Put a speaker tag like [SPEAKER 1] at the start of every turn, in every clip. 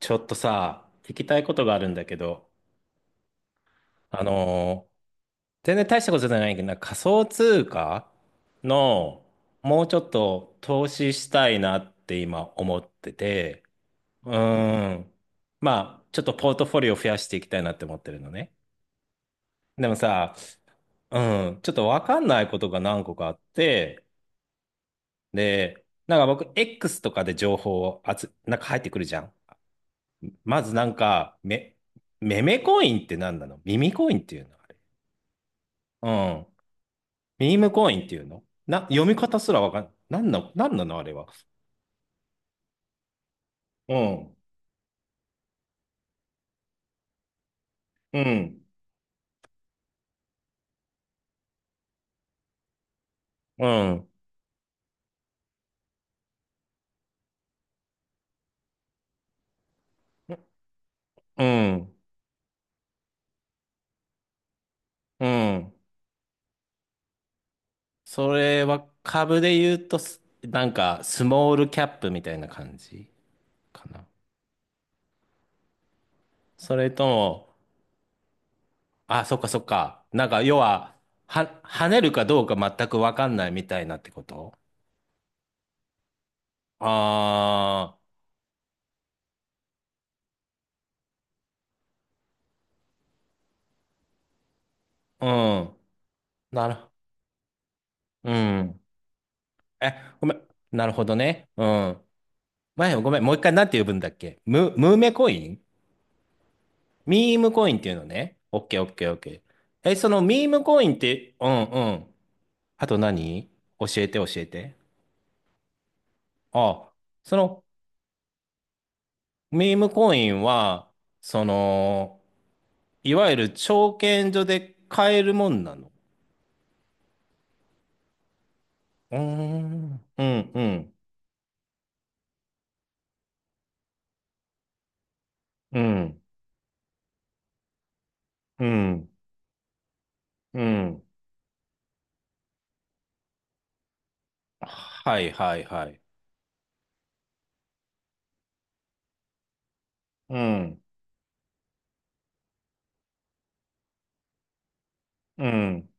[SPEAKER 1] ちょっとさ、聞きたいことがあるんだけど、あのー全然大したことじゃないけど、なんか仮想通貨のもうちょっと投資したいなって今思ってて、うーん。まあ、ちょっとポートフォリオ増やしていきたいなって思ってるのね。でもさ、うちょっとわかんないことが何個かあって、で、なんか僕、X とかで情報をなんか入ってくるじゃん。まずなんか、メメコインって何なの？耳コインっていうのあれ？うん。ミームコインっていうのな、読み方すらわかん、なんの、なんなのあれは。うん。うん。うん。うん。うん。それは株で言うとなんか、スモールキャップみたいな感じかな。それとも、あ、そっかそっか。なんか、要は、跳ねるかどうか全くわかんないみたいなってこと？ああー、うん。なる、うん。え、ごめん。なるほどね。うん。前、ごめん、もう一回なんて呼ぶんだっけ？ムーメコイン？ミームコインっていうのね。オッケーオッケーオッケー。え、そのミームコインって、うんうん。あと何？教えて教えて。あ、そのミームコインは、その、いわゆる証券所で買えるもんなの？うーん、うん、うん、うん、うん、うん。はいはいはい。うん、うん、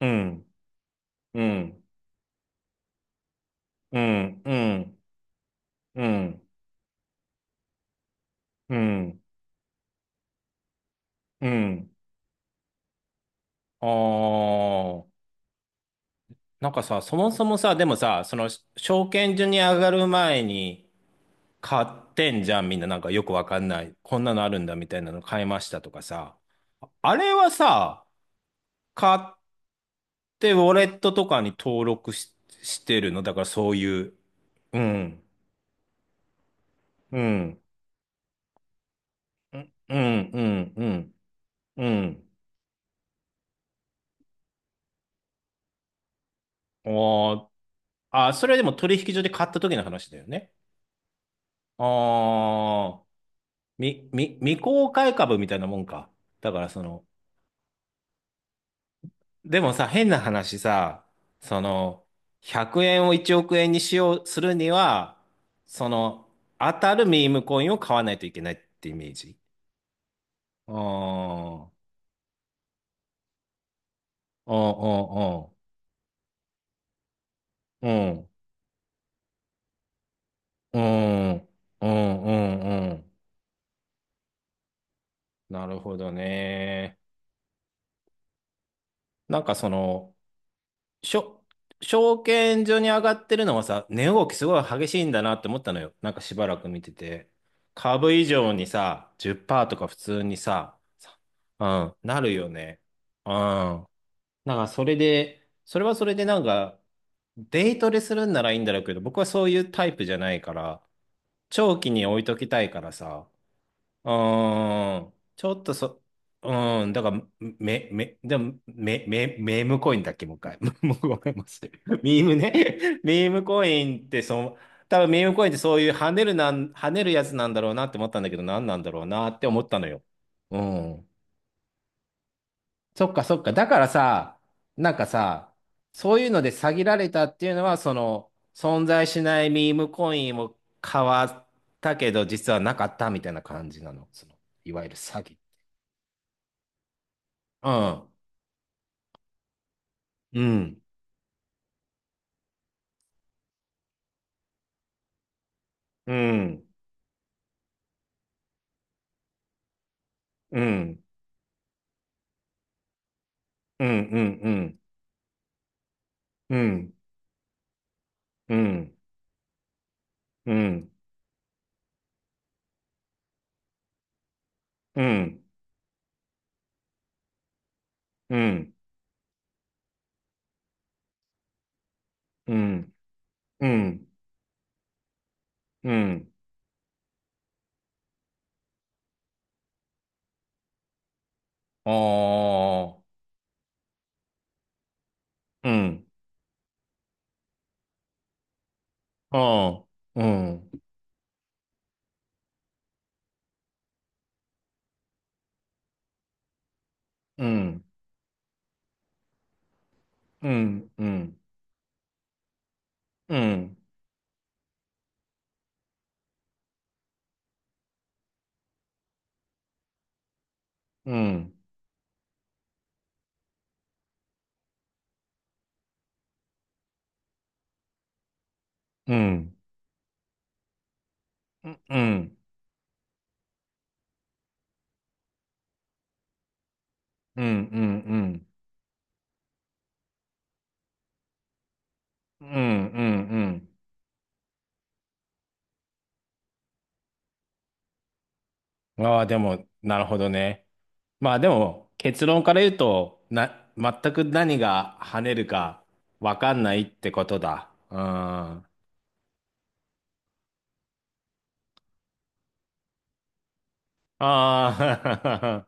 [SPEAKER 1] うん、うん、うん、うん、うん、うん。うんうん。ああ。なんかさ、そもそもさ、でもさ、その、証券所に上がる前に買ってんじゃん、みんな。なんかよくわかんない。こんなのあるんだみたいなの買いましたとかさ。あれはさ、買ってウォレットとかに登録してるのだからそういう。うん。うん。うん。うん。うん。うん。うんおーあ、それでも取引所で買った時の話だよね。ああ。未公開株みたいなもんか。だからその、でもさ、変な話さ、その、100円を1億円にしよう、するには、その、当たるミームコインを買わないといけないってイメージ。ああ、うんうんうん。うん、うん、うん、うん、うん。なるほどね。なんかその、しょ、証券所に上がってるのはさ、値動きすごい激しいんだなって思ったのよ。なんかしばらく見てて。株以上にさ、10%とか普通にさ、さうん、なるよね。うん。なんかそれで、それはそれでなんか、デイトレするんならいいんだろうけど、僕はそういうタイプじゃないから、長期に置いときたいからさ、ちょっとそ、うん。だから、でも、メームコインだっけ、もう一回。もうごめんなさい。ミームね。ミームコインって、その、多分ミームコインってそういう跳ねるやつなんだろうなって思ったんだけど、何なんだろうなって思ったのよ。うん。そっかそっか。だからさ、なんかさ、そういうので詐欺られたっていうのは、その、存在しないミームコインを買わったけど、実はなかったみたいな感じなの。その、いわゆる詐欺。うんうんうんうんうんうんうんうんうんうんうんうんうんうんうんうんおうんおうんうんうんうんうんうんうんうんうんうんうんうんうんうんうんうん。ああ、でも、なるほどね。まあでも、結論から言うと、全く何が跳ねるかわかんないってことだ。うん。ああ、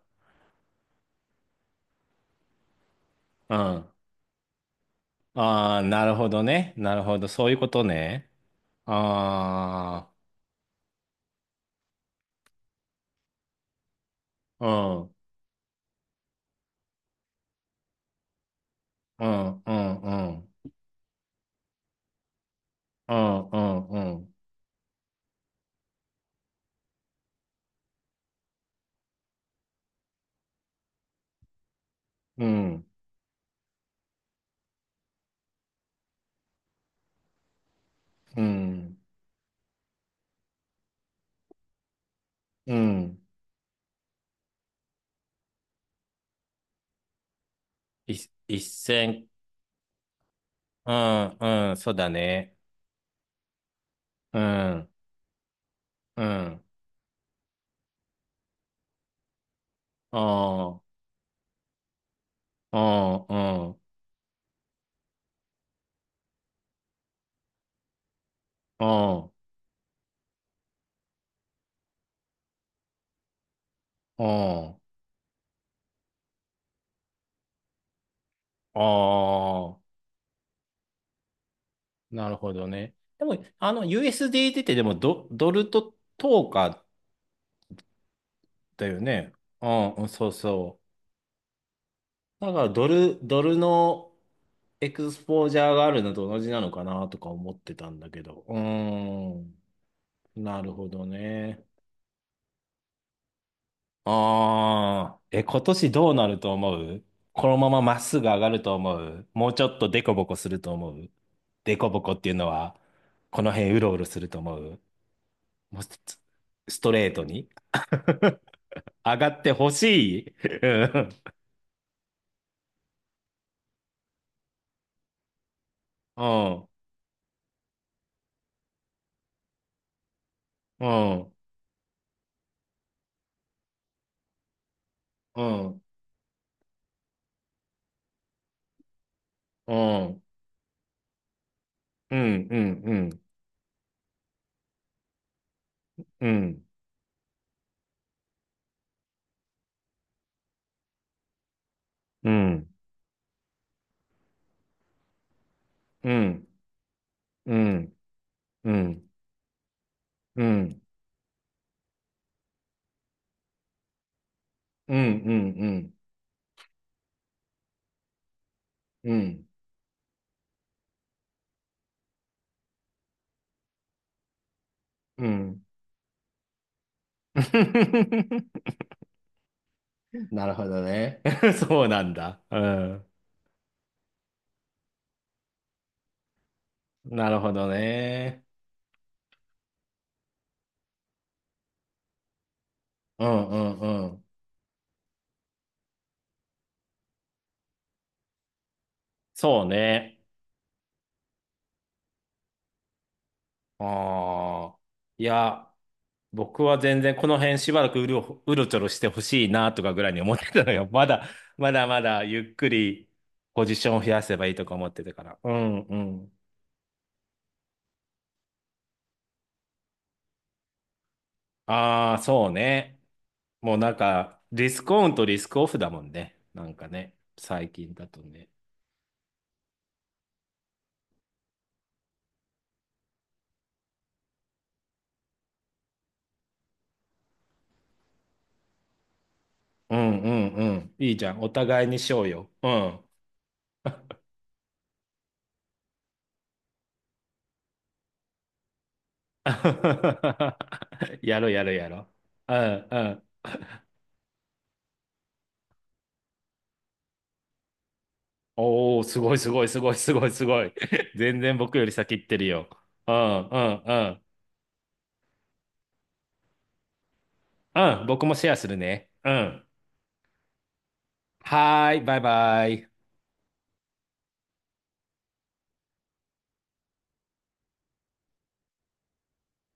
[SPEAKER 1] うん。ああ、なるほどね。なるほど。そういうことね。ああ、うん、うん、うん、うん、うん、うん、うん、うん、うん。い一線、うん、うん、そうだね。うん、うん。ああ。あんあんあんうん。ああ、なるほどね。でも、あの、USDT ってでもドルと等かだよね。うん、うんそうそう。だから、ドルのエクスポージャーがあるのと同じなのかなとか思ってたんだけど。うーん、なるほどね。ああ、え、今年どうなると思う？このまままっすぐ上がると思う？もうちょっとデコボコすると思う？デコボコっていうのは、この辺うろうろすると思う？もうスストレートに上がってほしい？うんうんうんうんうんうんうんうんうんうんうんうんうんうんうんうんうん。なるほどね。そうなんだ。うん。なるほどね。うんうんうん。そうね。ああ。いや、僕は全然この辺しばらくうろちょろしてほしいなとかぐらいに思ってたのよ。まだ、まだまだゆっくりポジションを増やせばいいとか思ってたから。うんうん。ああ、そうね。もうなんか、リスクオンとリスクオフだもんね。なんかね、最近だとね。うんうんうん。いいじゃん。お互いにしようよ。うん。やろやろやろう。んうん。おお、すごいすごいすごいすごいすごい。全然僕より先行ってるよ。うんうんうん。うん、僕もシェアするね。うん。はーい、バイバイ。